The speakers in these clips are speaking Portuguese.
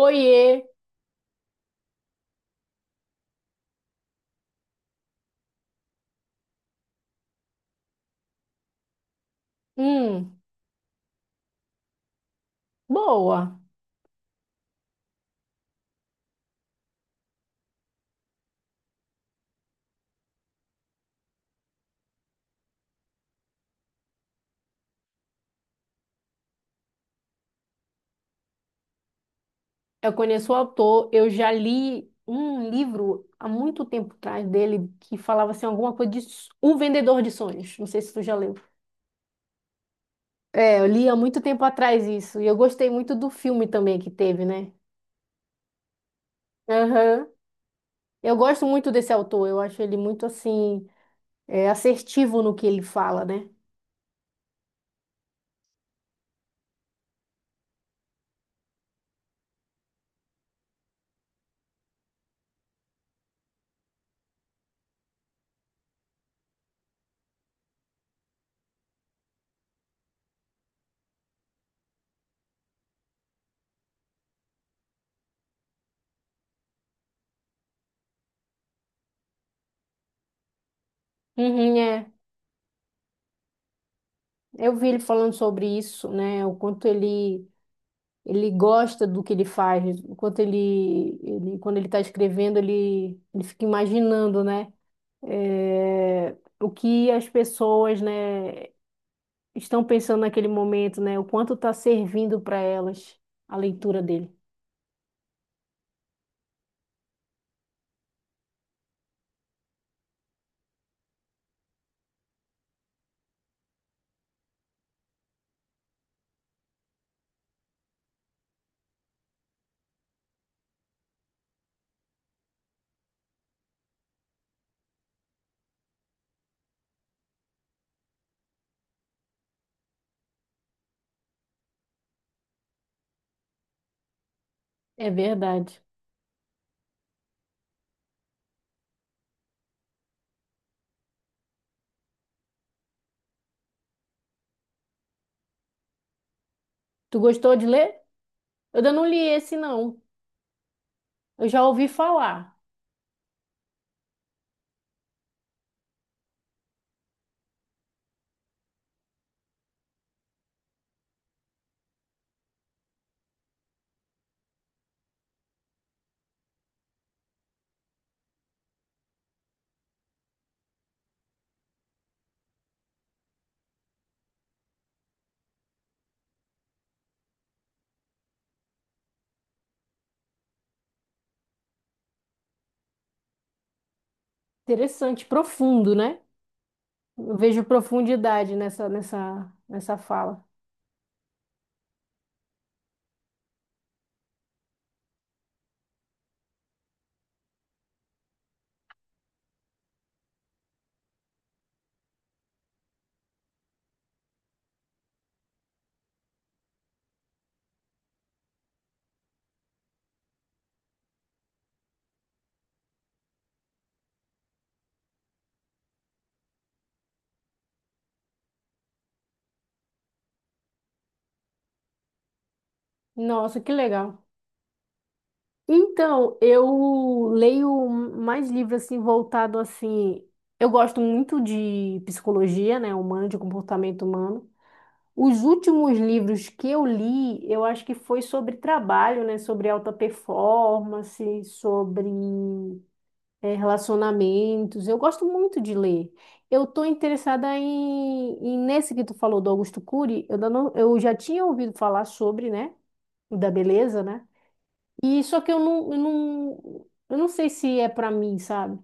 Oiê! Hum, boa. Eu conheço o autor, eu já li um livro há muito tempo atrás dele que falava assim alguma coisa de Um Vendedor de Sonhos. Não sei se tu já leu. É, eu li há muito tempo atrás isso e eu gostei muito do filme também que teve, né? Aham. Eu gosto muito desse autor, eu acho ele muito assim assertivo no que ele fala, né? Uhum, é. Eu vi ele falando sobre isso, né? O quanto Ele gosta do que ele faz. Enquanto ele quando ele está escrevendo, ele fica imaginando, né? É, o que as pessoas, né, estão pensando naquele momento, né? O quanto está servindo para elas a leitura dele. É verdade. Tu gostou de ler? Eu ainda não li esse, não. Eu já ouvi falar. Interessante, profundo, né? Eu vejo profundidade nessa fala. Nossa, que legal. Então, eu leio mais livros assim voltado assim. Eu gosto muito de psicologia, né, humana, de comportamento humano. Os últimos livros que eu li, eu acho que foi sobre trabalho, né, sobre alta performance, sobre relacionamentos. Eu gosto muito de ler. Eu estou interessada nesse que tu falou do Augusto Cury. Eu ainda não, eu já tinha ouvido falar sobre, né, o da beleza, né? E só que eu não sei se é pra mim, sabe?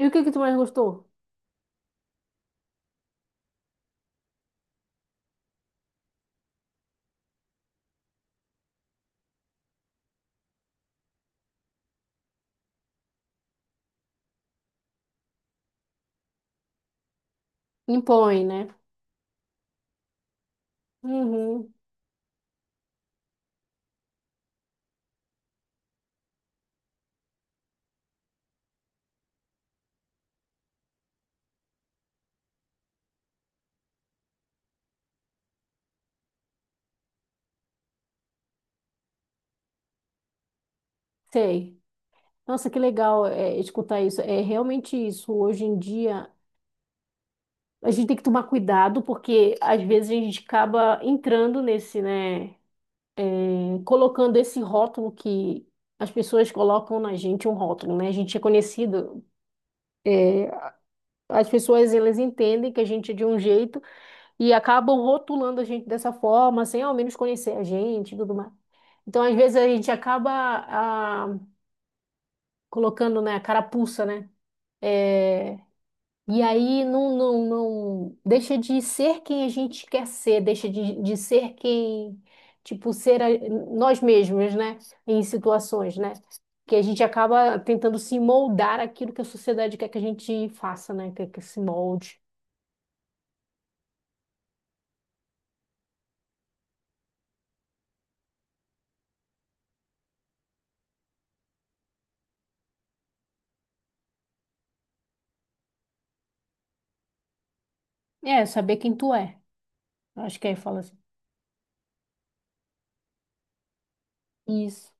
E o que que tu mais gostou? Impõe, né? Uhum, sei. Nossa, que legal escutar isso. É realmente isso. Hoje em dia, a gente tem que tomar cuidado, porque às vezes a gente acaba entrando nesse, né? Colocando esse rótulo que as pessoas colocam na gente, um rótulo, né? A gente é conhecido. As pessoas, elas entendem que a gente é de um jeito e acabam rotulando a gente dessa forma, sem ao menos conhecer a gente e tudo mais. Então, às vezes, a gente acaba ah, colocando, né, a carapuça, né? É, e aí não deixa de ser quem a gente quer ser, deixa de ser quem, tipo, nós mesmos, né? Em situações, né? Que a gente acaba tentando se moldar aquilo que a sociedade quer que a gente faça, né? Quer que se molde. É, saber quem tu é. Acho que aí fala assim. Isso.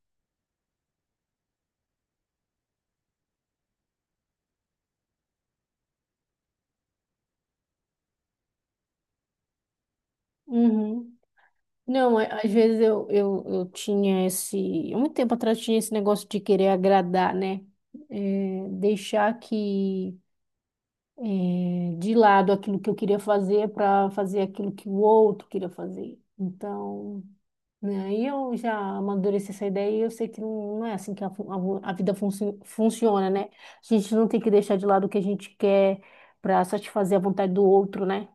Uhum. Não, às vezes eu tinha esse. Há muito tempo atrás tinha esse negócio de querer agradar, né? Deixar que de lado aquilo que eu queria fazer para fazer aquilo que o outro queria fazer. Então, né, aí eu já amadureci essa ideia e eu sei que não é assim que a vida funciona, né? A gente não tem que deixar de lado o que a gente quer para satisfazer a vontade do outro, né?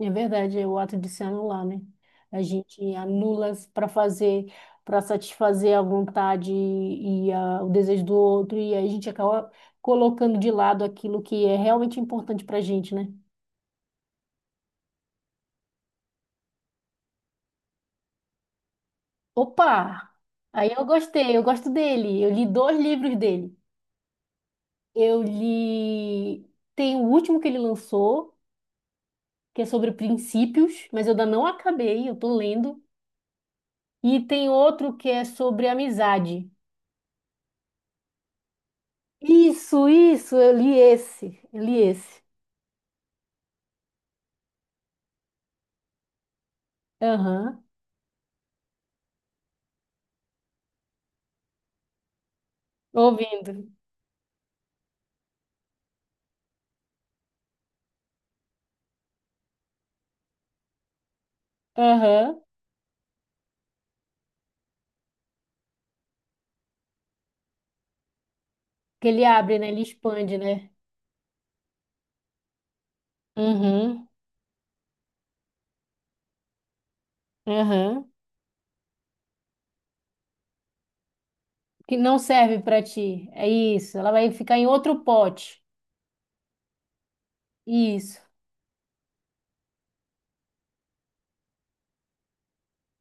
É verdade, é o ato de se anular, né? A gente anula para fazer, para satisfazer a vontade e o desejo do outro, e aí a gente acaba colocando de lado aquilo que é realmente importante para a gente, né? Opa! Aí eu gostei, eu gosto dele. Eu li dois livros dele. Eu li. Tem o último que ele lançou, que é sobre princípios, mas eu ainda não acabei, eu tô lendo. E tem outro que é sobre amizade. Isso, eu li esse. Aham, ouvindo. Aham, que ele abre, né? Ele expande, né? Uhum, aham. Que não serve para ti. É isso, ela vai ficar em outro pote. Isso.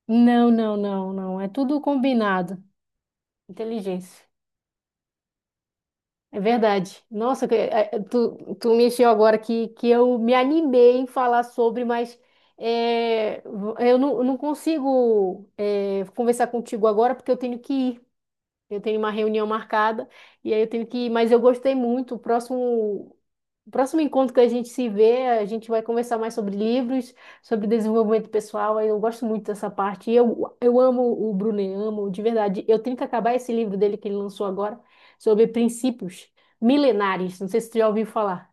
Não, não, não, não. É tudo combinado. Inteligência. É verdade. Nossa, tu, me mexeu agora que eu me animei em falar sobre, mas é, eu não consigo conversar contigo agora porque eu tenho que ir. Eu tenho uma reunião marcada e aí eu tenho que ir, mas eu gostei muito. O próximo encontro que a gente se vê, a gente vai conversar mais sobre livros, sobre desenvolvimento pessoal. Aí eu gosto muito dessa parte. E eu amo o Brunet, amo de verdade. Eu tenho que acabar esse livro dele que ele lançou agora, sobre princípios milenares. Não sei se tu já ouviu falar.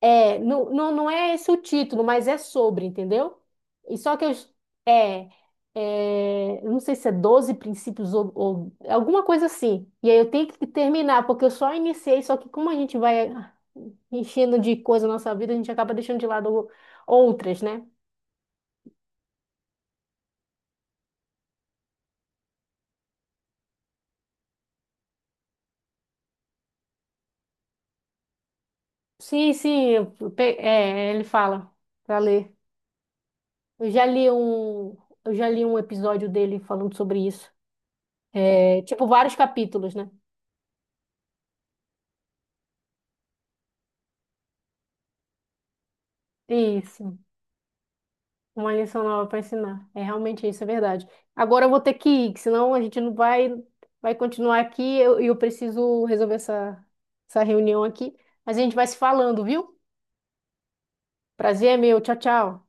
É, não é esse o título, mas é sobre, entendeu? E só que é, eu não sei se é 12 princípios ou alguma coisa assim. E aí eu tenho que terminar, porque eu só iniciei, só que como a gente vai enchendo de coisa na nossa vida, a gente acaba deixando de lado outras, né? Sim, sim, ele fala pra ler. Eu já li um, eu já li um episódio dele falando sobre isso. É, tipo, vários capítulos, né? Isso. Uma lição nova para ensinar. É realmente isso, é verdade. Agora eu vou ter que ir, que senão a gente não vai, vai continuar aqui e eu preciso resolver essa reunião aqui. Mas a gente vai se falando, viu? Prazer é meu. Tchau, tchau.